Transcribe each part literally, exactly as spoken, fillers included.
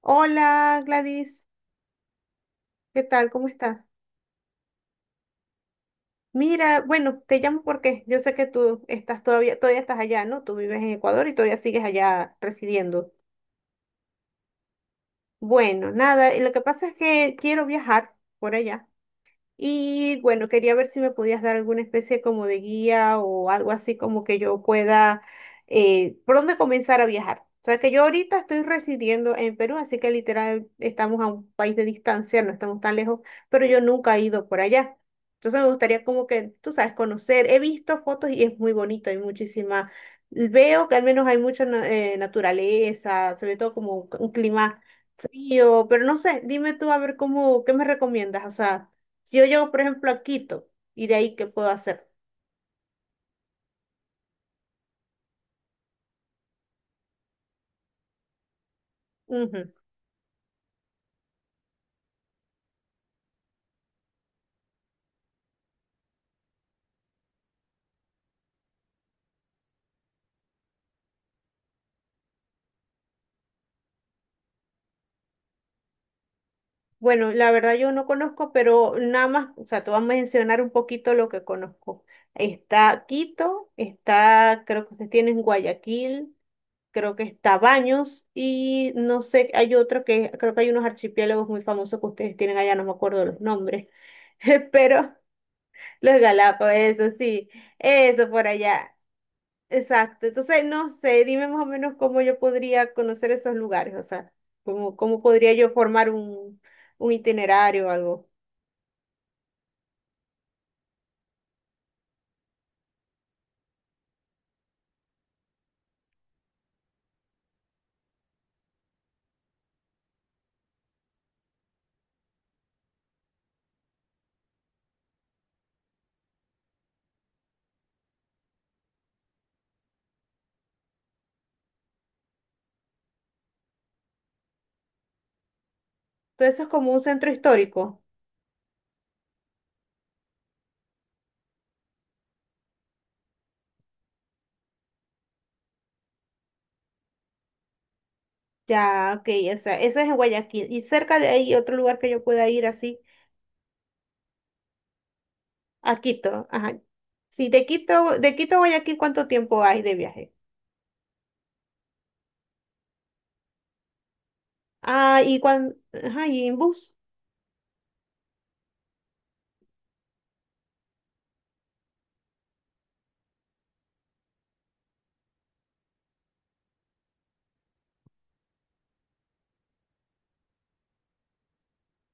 Hola Gladys, ¿qué tal? ¿Cómo estás? Mira, bueno, te llamo porque yo sé que tú estás todavía, todavía estás allá, ¿no? Tú vives en Ecuador y todavía sigues allá residiendo. Bueno, nada, y lo que pasa es que quiero viajar por allá. Y bueno, quería ver si me podías dar alguna especie como de guía o algo así como que yo pueda, eh, por dónde comenzar a viajar. O sea, que yo ahorita estoy residiendo en Perú, así que literal estamos a un país de distancia, no estamos tan lejos, pero yo nunca he ido por allá. Entonces me gustaría como que, tú sabes, conocer. He visto fotos y es muy bonito, hay muchísima. Veo que al menos hay mucha na- eh, naturaleza, se ve todo como un un clima frío, pero no sé, dime tú a ver cómo, ¿qué me recomiendas? O sea. Si yo llego, por ejemplo, a Quito, ¿y de ahí qué puedo hacer? Ujú. Bueno, la verdad yo no conozco, pero nada más, o sea, te voy a mencionar un poquito lo que conozco. Está Quito, está, creo que ustedes tienen Guayaquil, creo que está Baños y no sé, hay otro que, creo que hay unos archipiélagos muy famosos que ustedes tienen allá, no me acuerdo los nombres, pero los Galápagos, eso sí, eso por allá. Exacto, entonces no sé, dime más o menos cómo yo podría conocer esos lugares, o sea, cómo, cómo podría yo formar un, un, itinerario o algo. Todo eso es como un centro histórico. Ya, ok, o sea, eso es en Guayaquil. Y cerca de ahí otro lugar que yo pueda ir así, a Quito. Ajá. Sí, de Quito, de Quito a Guayaquil, ¿cuánto tiempo hay de viaje? Ah, y cuando, ajá, y en bus,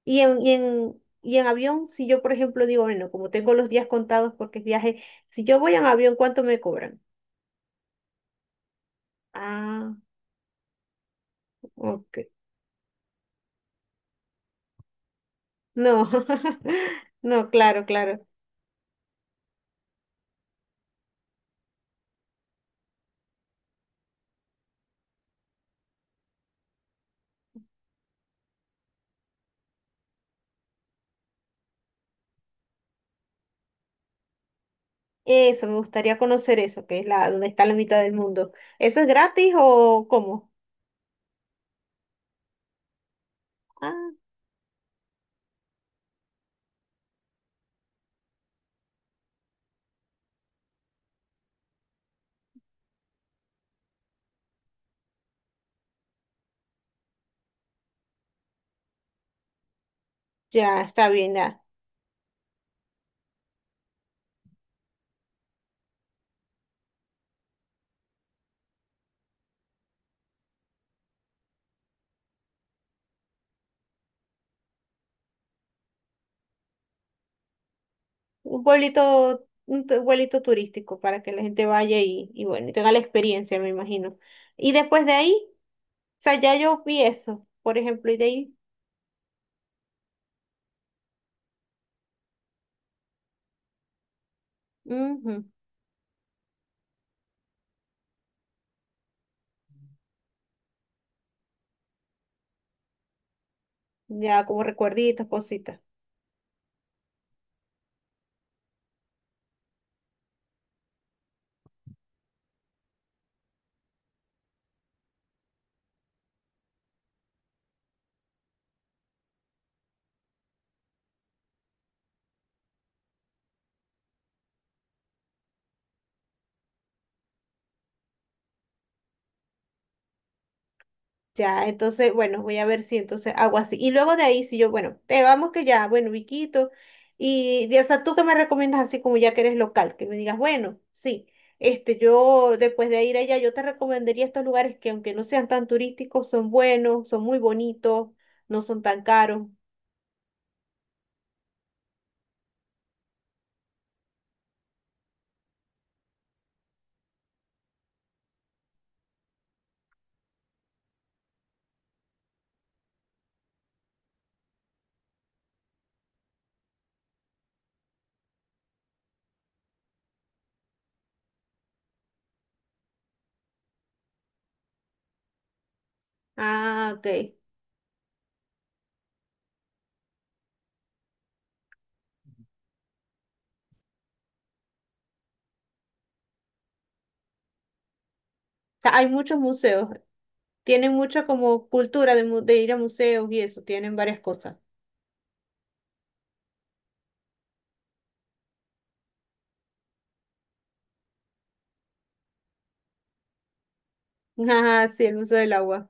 y en, y en, y en avión, si yo, por ejemplo, digo, bueno, como tengo los días contados porque es viaje, si yo voy en avión, ¿cuánto me cobran? Ah, ok. No, no, claro, claro. Eso, me gustaría conocer eso, que es la, donde está la mitad del mundo. ¿Eso es gratis o cómo? Ah, ya, está bien, ya. Un pueblito, un tu- pueblito turístico para que la gente vaya y, y bueno, y tenga la experiencia, me imagino. Y después de ahí, o sea, ya yo vi eso, por ejemplo, y de ahí, ujú, ya como recuerditos, cositas. Ya, entonces, bueno, voy a ver si entonces hago así. Y luego de ahí, si yo, bueno, digamos que ya, bueno, Viquito, y, de- o sea, tú que me recomiendas así como ya que eres local, que me digas, bueno, sí, este, yo después de ir allá, yo te recomendaría estos lugares que aunque no sean tan turísticos, son buenos, son muy bonitos, no son tan caros. Ah, ok. Ta- Hay muchos museos, tienen mucha como cultura de, mu- de ir a museos y eso, tienen varias cosas. Ah, sí, el Museo del Agua.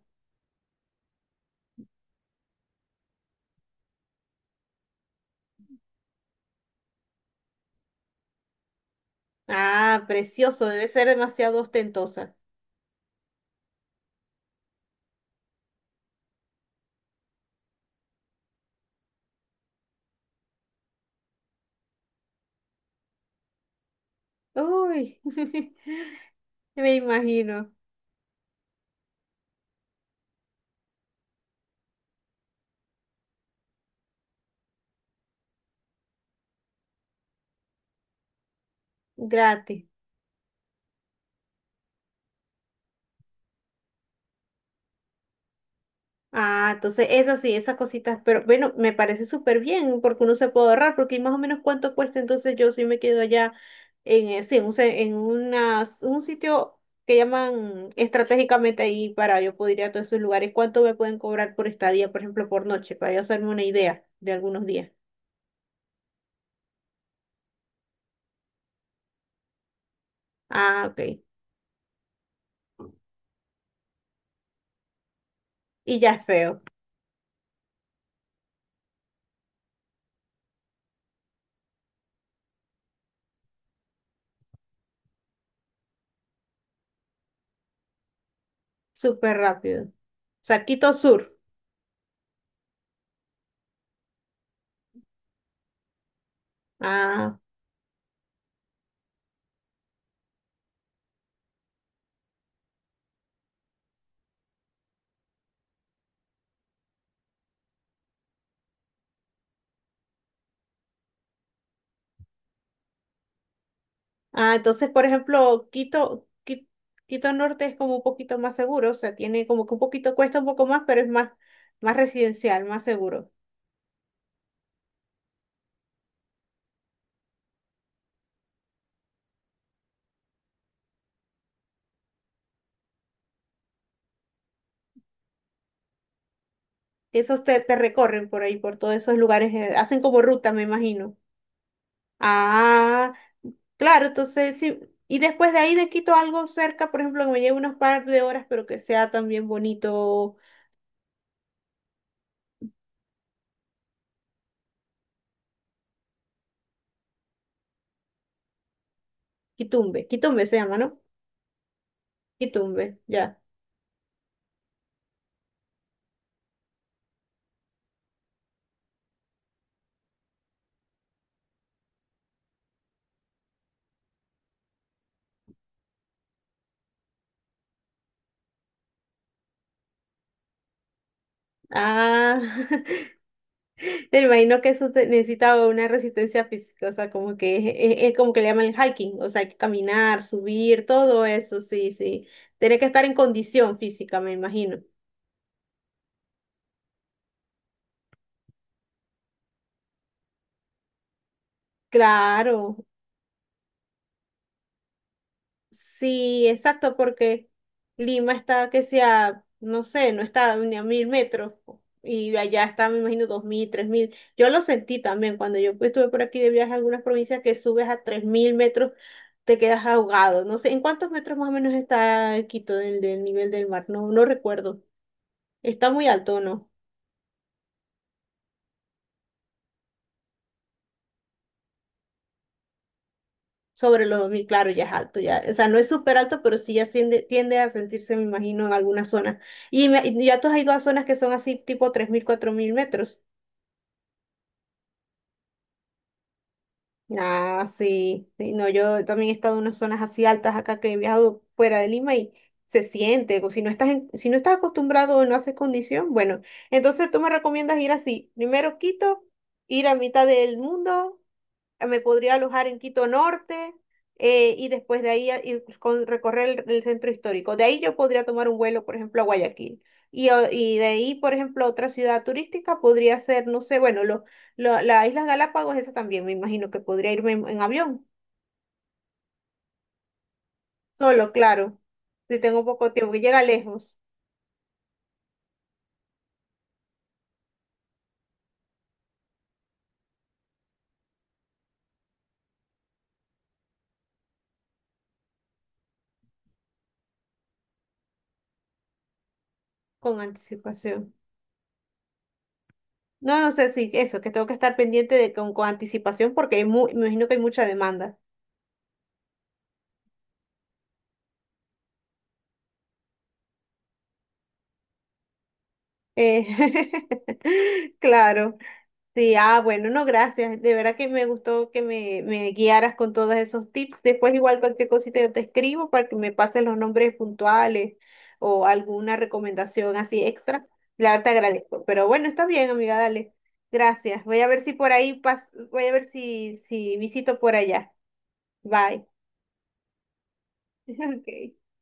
Ah, precioso, debe ser demasiado ostentosa. Uy, me imagino, gratis. Ah, entonces esas sí, esas cositas, pero bueno, me parece súper bien porque uno se puede ahorrar, porque más o menos cuánto cuesta, entonces yo sí me quedo allá en, eh, sí, en, un se- en unas- un sitio que llaman estratégicamente ahí para yo poder ir a todos esos lugares, cuánto me pueden cobrar por estadía, por ejemplo, por noche, para yo hacerme una idea de algunos días. Ah, ok. Y ya es feo, súper rápido. Saquito Sur. Ah, ah, entonces, por ejemplo, Quito, Qui- Quito, Norte es como un poquito más seguro, o sea, tiene como que un poquito, cuesta un poco más, pero es más, más residencial, más seguro. Esos te, te, recorren por ahí, por todos esos lugares, eh, hacen como ruta, me imagino. Ah, claro, entonces sí. Y después de ahí de Quito algo cerca, por ejemplo, que me lleve unos par de horas, pero que sea también bonito, Quitumbe. Quitumbe se llama, ¿no? Quitumbe, ya. Ah, me imagino que eso te- necesita una resistencia física, o sea, como que es, es- es como que le llaman el hiking, o sea, hay que caminar, subir, todo eso, sí, sí. Tiene que estar en condición física, me imagino. Claro. Sí, exacto, porque Lima está que sea, no sé, no está ni a mil metros y allá está, me imagino, dos mil, tres mil. Yo lo sentí también cuando yo estuve por aquí de viaje a algunas provincias que subes a tres mil metros, te quedas ahogado. No sé, ¿en cuántos metros más o menos está Quito del, del nivel del mar? No, no recuerdo. Está muy alto, ¿no? Sobre los dos mil claro, ya es alto, ya, o sea, no es súper alto, pero sí ya tiende, tiende, a sentirse, me imagino, en algunas zonas. Y, me- y ya tú has ido a zonas que son así, tipo tres mil cuatro mil metros. Ah, sí, sí, no, yo también he estado en unas zonas así altas acá que he viajado fuera de Lima y se siente, o si no estás, en- si no estás acostumbrado o no haces condición, bueno, entonces tú me recomiendas ir así, primero Quito, ir a mitad del mundo, me podría alojar en Quito Norte, eh, y después de ahí a- ir con- recorrer el, el centro histórico. De ahí yo podría tomar un vuelo, por ejemplo, a Guayaquil. Y, o- y de ahí, por ejemplo, otra ciudad turística podría ser, no sé, bueno, lo, lo- las Islas Galápagos, esa también me imagino que podría irme en, en, avión, solo, claro, si tengo poco tiempo, que llega lejos, con anticipación. No, no sé si eso, que tengo que estar pendiente de con, con anticipación porque hay mu- me imagino que hay mucha demanda. Eh, claro. Sí, ah, bueno, no, gracias. De verdad que me gustó que me, me guiaras con todos esos tips. Después igual cualquier cosita yo te escribo para que me pases los nombres puntuales o alguna recomendación así extra. La verdad te agradezco. Pero bueno, está bien, amiga, dale. Gracias. Voy a ver si por ahí pas- voy a ver si, si visito por allá. Bye. Ok.